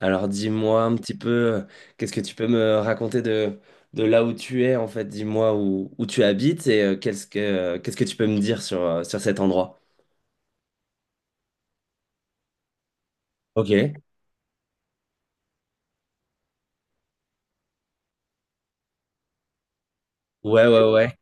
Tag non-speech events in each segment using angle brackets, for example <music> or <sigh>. Alors dis-moi un petit peu, qu'est-ce que tu peux me raconter de là où tu es en fait? Dis-moi où tu habites et qu'est-ce que tu peux me dire sur, sur cet endroit? Ok. Ouais, ouais, ouais.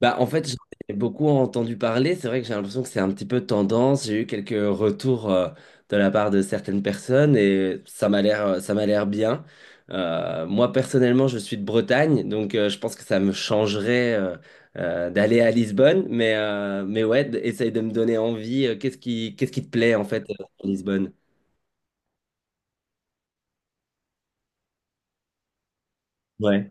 Bah, en fait, j'en ai beaucoup entendu parler. C'est vrai que j'ai l'impression que c'est un petit peu tendance. J'ai eu quelques retours de la part de certaines personnes et ça m'a l'air bien. Moi, personnellement, je suis de Bretagne, donc je pense que ça me changerait d'aller à Lisbonne. Mais ouais, essaye de me donner envie. Qu'est-ce qui te plaît en fait à Lisbonne? Ouais.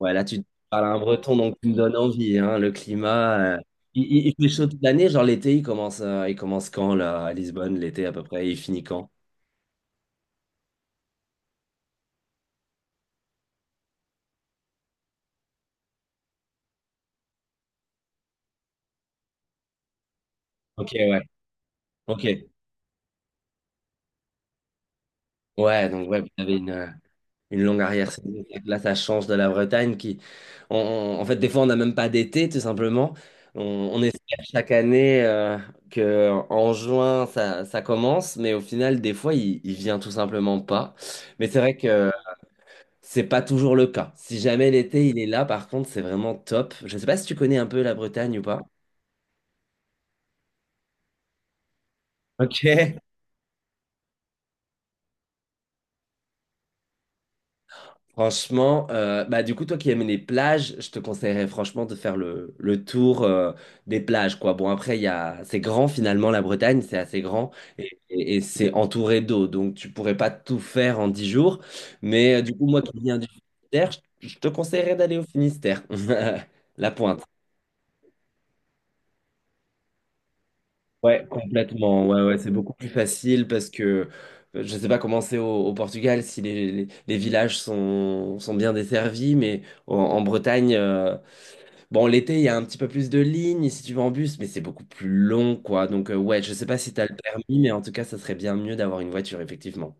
Ouais, là, tu parles à un breton, donc tu me donnes envie, hein, le climat. Il fait chaud toute l'année, genre l'été, il commence quand, là, à Lisbonne, l'été à peu près, et il finit quand? Ok, ouais. Ok. Ouais, donc ouais, vous avez une longue arrière-saison. Là, ça change de la Bretagne qui, en fait, des fois, on n'a même pas d'été, tout simplement. On, on espère chaque année que en juin, ça commence, mais au final, des fois, il vient tout simplement pas. Mais c'est vrai que c'est pas toujours le cas. Si jamais l'été il est là, par contre, c'est vraiment top. Je sais pas si tu connais un peu la Bretagne ou pas. Ok. Franchement, bah du coup, toi qui aimes les plages, je te conseillerais franchement de faire le tour des plages, quoi. Bon, après, c'est grand finalement, la Bretagne, c'est assez grand et c'est entouré d'eau, donc tu pourrais pas tout faire en 10 jours. Mais du coup, moi qui viens du Finistère, je te conseillerais d'aller au Finistère, <laughs> la pointe. Ouais, complètement. Ouais, ouais, c'est beaucoup plus facile parce que je ne sais pas comment c'est au Portugal, si les villages sont bien desservis, mais en Bretagne, bon, l'été, il y a un petit peu plus de lignes si tu vas en bus, mais c'est beaucoup plus long, quoi. Donc, ouais, je ne sais pas si tu as le permis, mais en tout cas, ça serait bien mieux d'avoir une voiture, effectivement.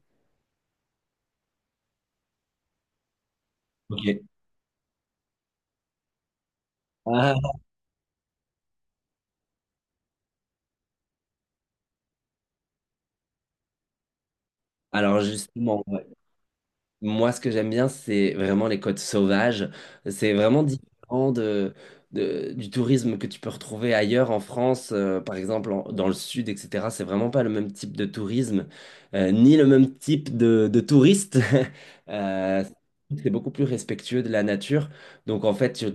Ok. Ah, alors, justement, ouais. Moi, ce que j'aime bien, c'est vraiment les côtes sauvages. C'est vraiment différent du tourisme que tu peux retrouver ailleurs en France, par exemple dans le sud, etc. C'est vraiment pas le même type de tourisme, ni le même type de touriste. <laughs> Euh, c'est beaucoup plus respectueux de la nature. Donc, en fait, tu,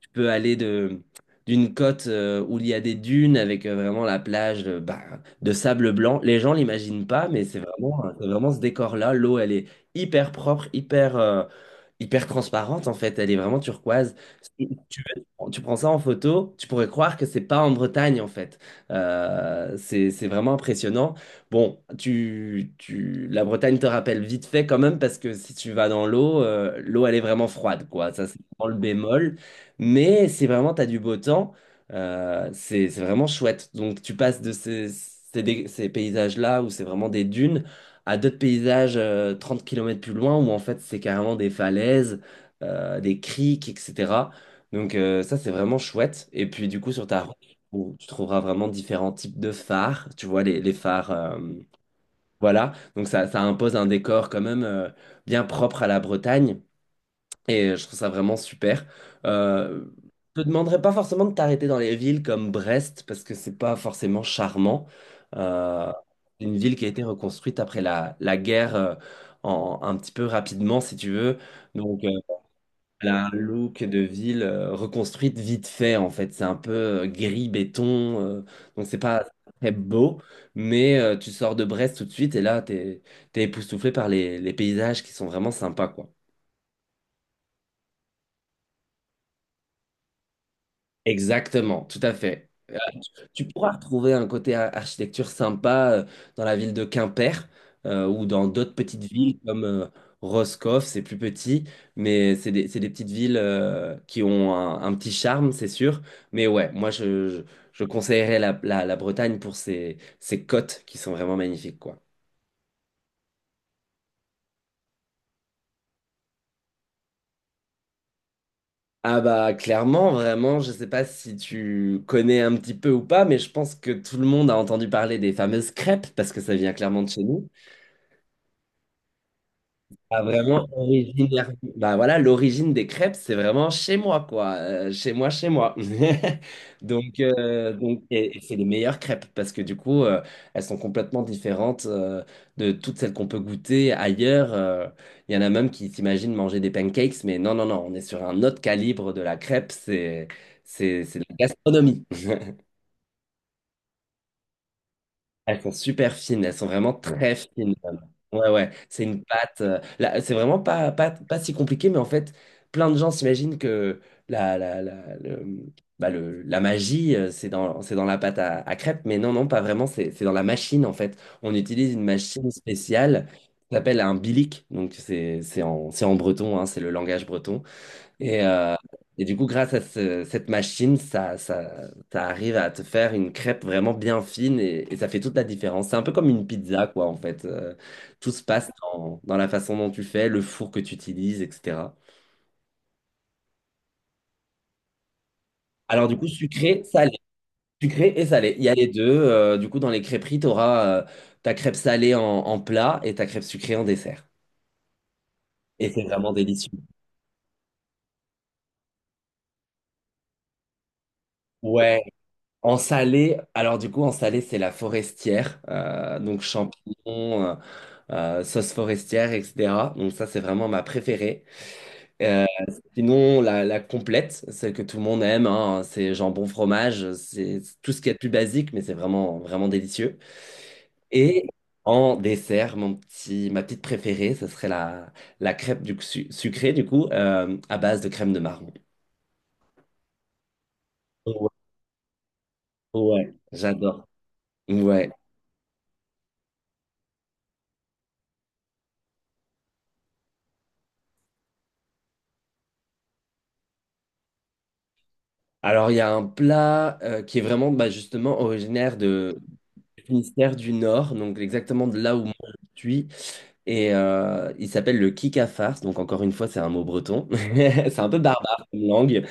tu peux aller d'une côte, où il y a des dunes avec vraiment la plage, bah, de sable blanc. Les gens l'imaginent pas, mais c'est vraiment ce décor-là. L'eau, elle est hyper propre, hyper transparente en fait. Elle est vraiment turquoise. Si tu veux, tu prends ça en photo, tu pourrais croire que c'est pas en Bretagne en fait. C'est vraiment impressionnant. Bon, la Bretagne te rappelle vite fait quand même parce que si tu vas dans l'eau, l'eau elle est vraiment froide quoi. Ça c'est vraiment le bémol. Mais c'est vraiment, tu as du beau temps. C'est vraiment chouette. Donc tu passes de ces paysages-là où c'est vraiment des dunes à d'autres paysages 30 km plus loin où en fait c'est carrément des falaises, des criques, etc. Donc ça c'est vraiment chouette. Et puis du coup sur ta route, tu trouveras vraiment différents types de phares. Tu vois les phares, voilà. Donc ça impose un décor quand même bien propre à la Bretagne. Et je trouve ça vraiment super. Euh, je te demanderais pas forcément de t'arrêter dans les villes comme Brest, parce que c'est pas forcément charmant. Euh, c'est une ville qui a été reconstruite après la guerre un petit peu rapidement, si tu veux. Donc, elle a un look de ville reconstruite vite fait, en fait. C'est un peu gris, béton. Donc, c'est pas très beau. Mais tu sors de Brest tout de suite et là, t'es époustouflé par les paysages qui sont vraiment sympas, quoi. Exactement, tout à fait. Tu pourras retrouver un côté architecture sympa dans la ville de Quimper ou dans d'autres petites villes comme Roscoff, c'est plus petit, mais c'est des petites villes qui ont un petit charme, c'est sûr. Mais ouais, moi je conseillerais la Bretagne pour ses côtes qui sont vraiment magnifiques, quoi. Ah bah clairement, vraiment, je sais pas si tu connais un petit peu ou pas, mais je pense que tout le monde a entendu parler des fameuses crêpes parce que ça vient clairement de chez nous. Ah, vraiment, originaire. Bah voilà, l'origine des crêpes, c'est vraiment chez moi, quoi. Chez moi, chez moi. <laughs> Donc, et c'est les meilleures crêpes parce que du coup, elles sont complètement différentes de toutes celles qu'on peut goûter ailleurs. Il y en a même qui s'imaginent manger des pancakes, mais non, non, non, on est sur un autre calibre de la crêpe. C'est de la gastronomie. Elles sont super fines, elles sont vraiment très fines même. Ouais, ouais, c'est une pâte. Là, c'est vraiment pas, pas, pas si compliqué, mais en fait, plein de gens s'imaginent que la, la, la, le- bah, la magie, c'est dans la pâte à crêpes, mais non, non, pas vraiment, c'est dans la machine en fait. On utilise une machine spéciale qui s'appelle un bilic, donc c'est en breton, hein, c'est le langage breton. Et, euh, et du coup, grâce à cette machine, ça arrive à te faire une crêpe vraiment bien fine et ça fait toute la différence. C'est un peu comme une pizza, quoi, en fait. Tout se passe dans la façon dont tu fais, le four que tu utilises, etc. Alors, du coup, sucré, salé. Sucré et salé. Il y a les deux. Du coup, dans les crêperies, tu auras ta crêpe salée en plat et ta crêpe sucrée en dessert. Et c'est vraiment délicieux. Ouais, en salé, alors du coup, en salé, c'est la forestière, donc champignons, sauce forestière, etc. Donc ça, c'est vraiment ma préférée. Euh, sinon, la complète, celle que tout le monde aime, hein, c'est jambon, fromage, c'est tout ce qu'il y a de plus basique, mais c'est vraiment, vraiment délicieux. Et en dessert, ma petite préférée, ce serait la crêpe sucrée, du coup, à base de crème de marron. Ouais, ouais, j'adore. Ouais. Alors, il y a un plat qui est vraiment bah, justement originaire de Finistère du Nord, donc exactement de là où moi je suis. Et il s'appelle le Kikafars. Donc, encore une fois, c'est un mot breton. <laughs> C'est un peu barbare comme langue.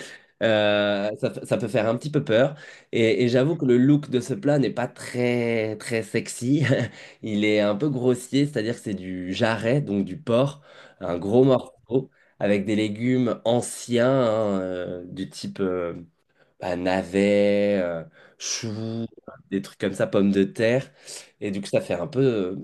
Ça peut faire un petit peu peur. Et j'avoue que le look de ce plat n'est pas très, très sexy. <laughs> Il est un peu grossier, c'est-à-dire que c'est du jarret, donc du porc, un gros morceau, avec des légumes anciens, hein, du type. Bah, navets, choux, des trucs comme ça, pommes de terre. Et du coup, ça fait un peu, euh,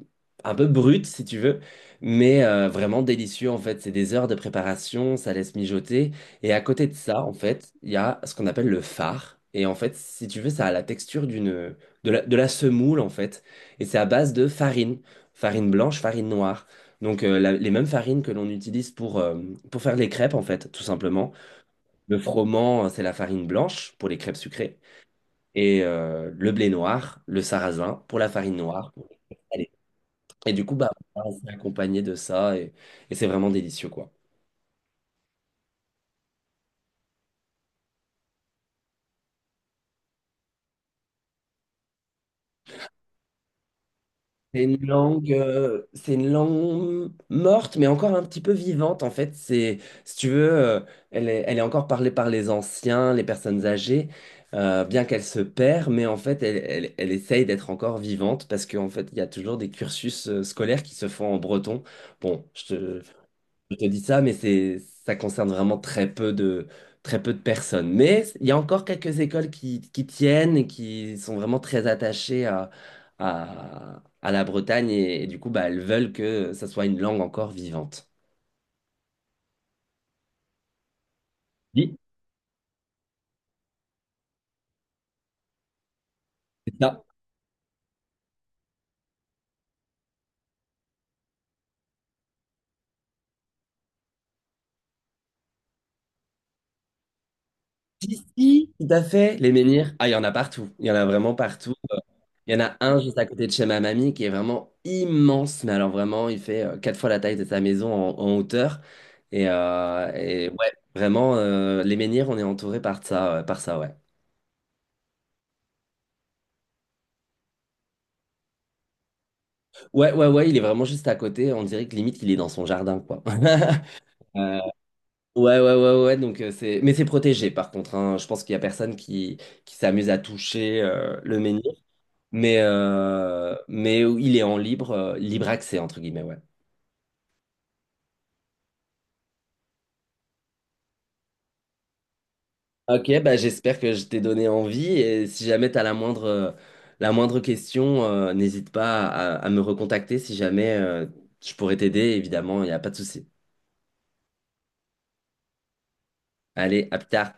un peu brut, si tu veux, mais vraiment délicieux, en fait. C'est des heures de préparation, ça laisse mijoter. Et à côté de ça, en fait, il y a ce qu'on appelle le fard. Et en fait, si tu veux, ça a la texture de la semoule, en fait. Et c'est à base de farine, farine blanche, farine noire. Donc, les mêmes farines que l'on utilise pour faire les crêpes, en fait, tout simplement. Le froment, c'est la farine blanche pour les crêpes sucrées. Et le blé noir, le sarrasin pour la farine noire. Pour le salé. Et du coup, bah, c'est accompagné de ça et c'est vraiment délicieux, quoi. C'est une langue morte, mais encore un petit peu vivante, en fait. C'est, si tu veux, elle est encore parlée par les anciens, les personnes âgées, bien qu'elle se perd, mais en fait, elle essaye d'être encore vivante parce qu'en fait, il y a toujours des cursus scolaires qui se font en breton. Bon, Je te dis ça, mais ça concerne vraiment très peu de personnes. Mais il y a encore quelques écoles qui tiennent et qui sont vraiment très attachées à la Bretagne et du coup, bah, elles veulent que ça soit une langue encore vivante. Oui, c'est ça. Ici, tout à fait, les menhirs, ah, il y en a partout. Il y en a vraiment partout. Il y en a un juste à côté de chez ma mamie qui est vraiment immense, mais alors vraiment, il fait quatre fois la taille de sa maison en hauteur. Et ouais, vraiment, les menhirs, on est entouré par ça, ouais. Ouais, ouais, ouais, il est vraiment juste à côté. On dirait que limite, il est dans son jardin, quoi. <laughs> Euh, ouais, ouais, ouais, ouais. Donc, mais c'est protégé, par contre. Hein. Je pense qu'il y a personne qui s'amuse à toucher le menhir. Mais il est en libre accès, entre guillemets, ouais. Ok, bah j'espère que je t'ai donné envie et si jamais tu as la moindre question, n'hésite pas à me recontacter si jamais je pourrais t'aider, évidemment, il n'y a pas de souci. Allez, à plus tard.